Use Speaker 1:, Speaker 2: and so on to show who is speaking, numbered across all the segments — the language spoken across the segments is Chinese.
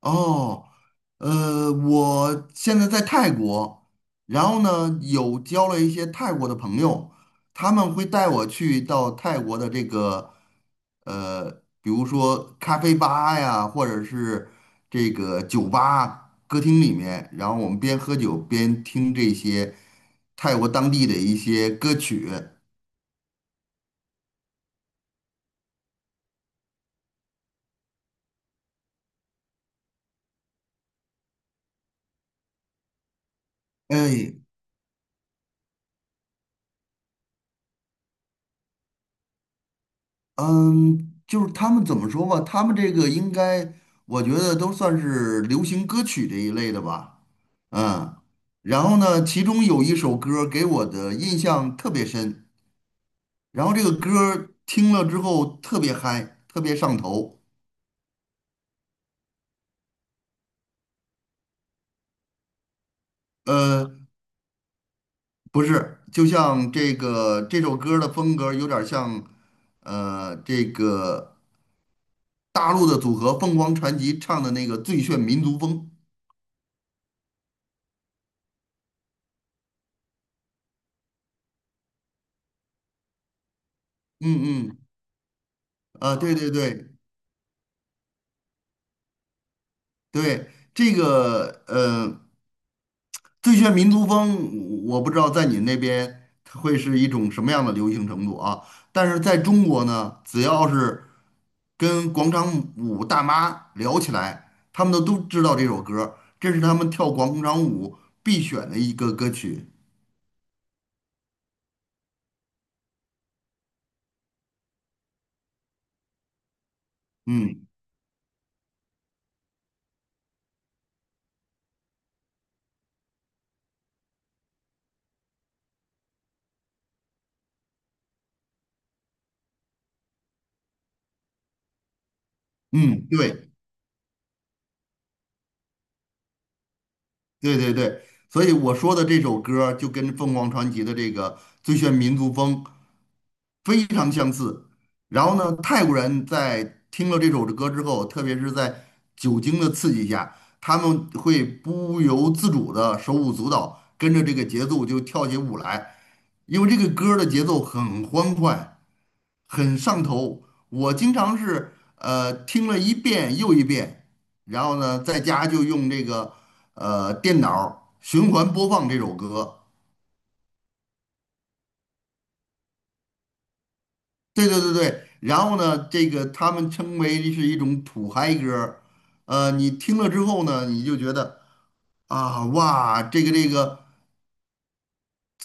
Speaker 1: 哦，我现在在泰国。然后呢，有交了一些泰国的朋友，他们会带我去到泰国的这个，呃，比如说咖啡吧呀，或者是这个酒吧、歌厅里面，然后我们边喝酒边听这些泰国当地的一些歌曲。哎，嗯，就是他们怎么说吧，他们这个应该，我觉得都算是流行歌曲这一类的吧。嗯，然后呢，其中有一首歌儿给我的印象特别深，然后这个歌儿听了之后特别嗨，特别上头。呃，不是，就像这个这首歌儿的风格有点儿像，这个大陆的组合凤凰传奇唱的那个《最炫民族风》。嗯嗯，啊，对对对，对，这个最炫民族风，我不知道在你那边它会是一种什么样的流行程度啊。但是在中国呢，只要是跟广场舞大妈聊起来，他们都知道这首歌儿，这是他们跳广场舞必选的一个歌曲。嗯嗯，对对对对，所以我说的这首歌儿就跟凤凰传奇的这个《最炫民族风》非常相似。然后呢，泰国人在听了这首歌之后，特别是在酒精的刺激下，他们会不由自主的手舞足蹈，跟着这个节奏就跳起舞来。因为这个歌儿的节奏很欢快，很上头。我经常是听了一遍又一遍，然后呢，在家就用这个电脑儿循环播放这首歌。对对对对，然后呢，这个他们称为是一种土嗨歌儿。你听了之后呢，你就觉得啊，哇，这个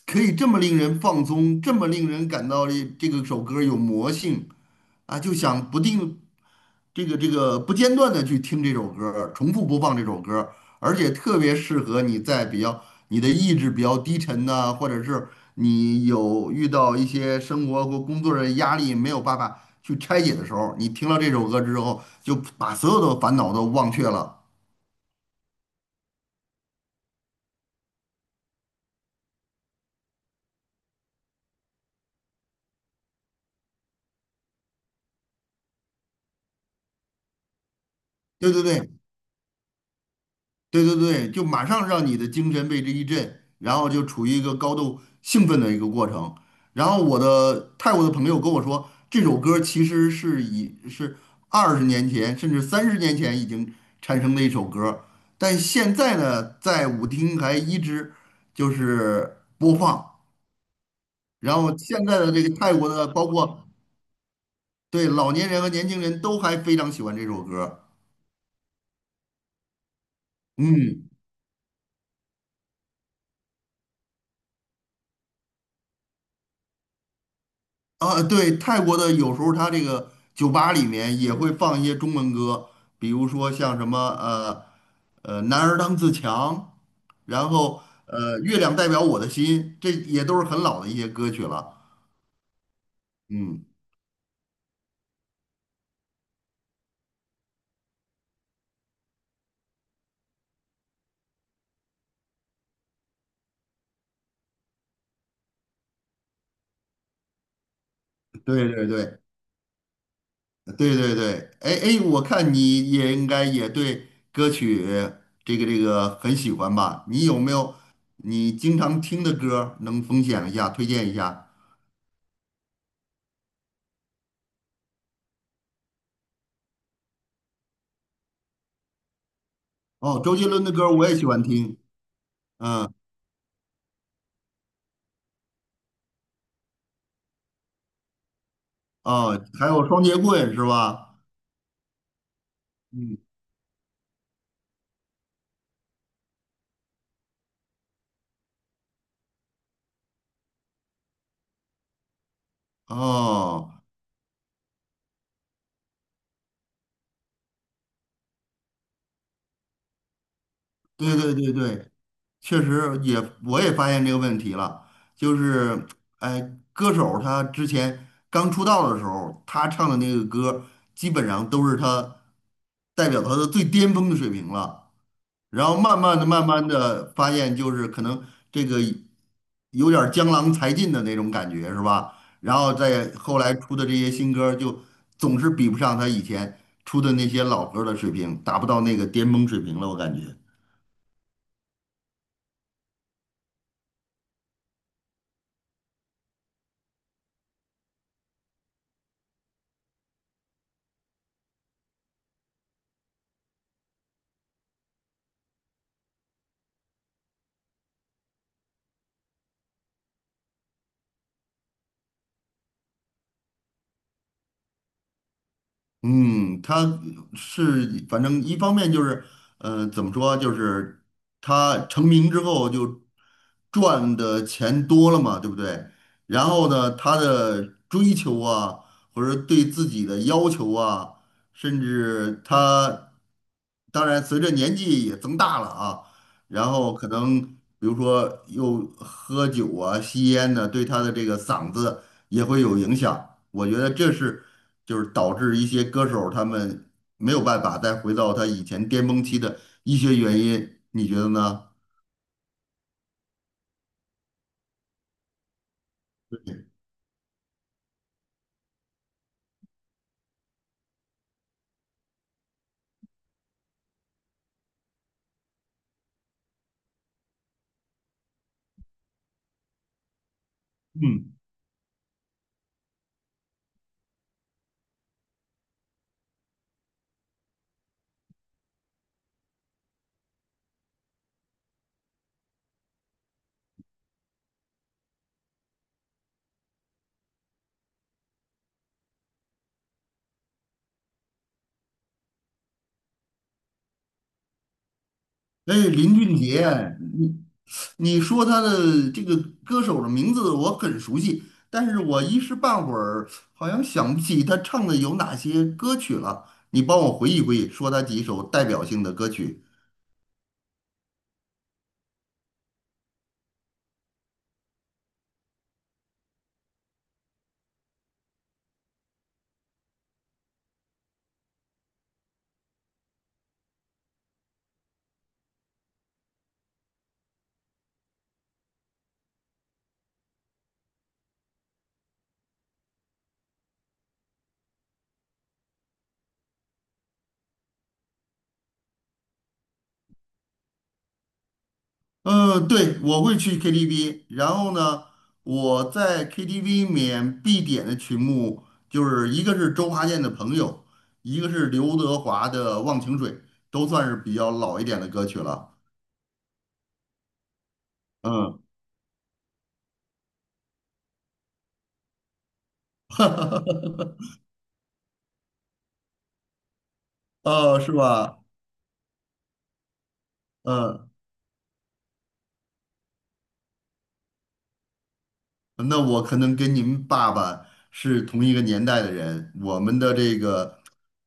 Speaker 1: 可以这么令人放松，这么令人感到这个首歌有魔性啊，就想不定这个不间断的去听这首歌儿，重复播放这首歌儿。而且特别适合你在比较，你的意志比较低沉呐、或者是你有遇到一些生活或工作的压力没有办法去拆解的时候，你听了这首歌之后，就把所有的烦恼都忘却了。对对对，对对对，就马上让你的精神被之一振，然后就处于一个高度兴奋的一个过程。然后我的泰国的朋友跟我说，这首歌其实是20年前甚至30年前已经产生的一首歌，但现在呢，在舞厅还一直就是播放。然后现在的这个泰国的，包括对老年人和年轻人都还非常喜欢这首歌。嗯，啊，对，泰国的有时候他这个酒吧里面也会放一些中文歌，比如说像什么呃“男儿当自强”，然后“月亮代表我的心”，这也都是很老的一些歌曲了。嗯，对对对对对对，哎哎，我看你也应该也对歌曲这个很喜欢吧？你有没有你经常听的歌儿能分享一下、推荐一下？哦，周杰伦的歌儿我也喜欢听。哦，还有双节棍是吧？嗯，哦，对对对对，确实也，我也发现这个问题了，就是，哎，歌手他之前刚出道的时候，他唱的那个歌，基本上都是代表他的最巅峰的水平了。然后慢慢的、慢慢的发现，就是可能这个有点儿江郎才尽的那种感觉，是吧？然后再后来出的这些新歌，就总是比不上他以前出的那些老歌儿的水平，达不到那个巅峰水平了，我感觉。嗯，他是反正一方面就是，怎么说，就是他成名之后就赚的钱多了嘛，对不对？然后呢，他的追求啊，或者对自己的要求啊，甚至他，当然随着年纪也增大了啊，然后可能比如说又喝酒啊、吸烟呢、对他的这个嗓子也会有影响。我觉得这是就是导致一些歌手他们没有办法再回到他以前巅峰期的一些原因，你觉得呢？嗯，哎，林俊杰，你你说他的这个歌手的名字我很熟悉，但是我一时半会儿好像想不起他唱的有哪些歌曲了。你帮我回忆回忆，说他几首代表性的歌曲。嗯，对,我会去 KTV,然后呢，我在 KTV 里面必点的曲目就是一个是周华健的《朋友》，一个是刘德华的《忘情水》，都算是比较老一点的歌曲了。嗯，哦，是吧？嗯，那我可能跟您爸爸是同一个年代的人，我们的这个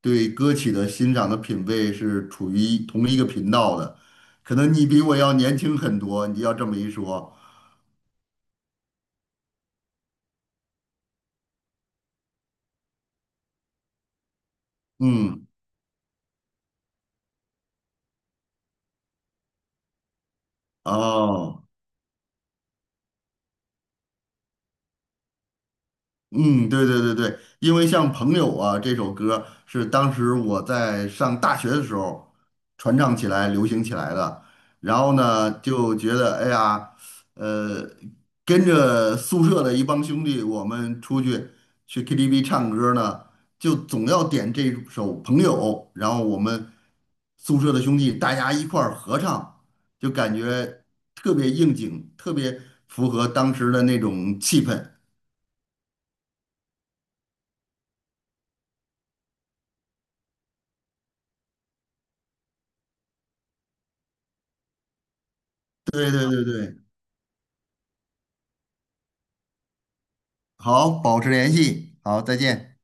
Speaker 1: 对歌曲的欣赏的品味是处于同一个频道的，可能你比我要年轻很多，你要这么一说，嗯。哦，嗯，对对对对，因为像《朋友》啊这首歌是当时我在上大学的时候传唱起来、流行起来的，然后呢就觉得哎呀，呃，跟着宿舍的一帮兄弟，我们出去 KTV 唱歌呢，就总要点这首《朋友》，然后我们宿舍的兄弟大家一块儿合唱，就感觉特别应景，特别符合当时的那种气氛。对对对对，好，保持联系，好，再见。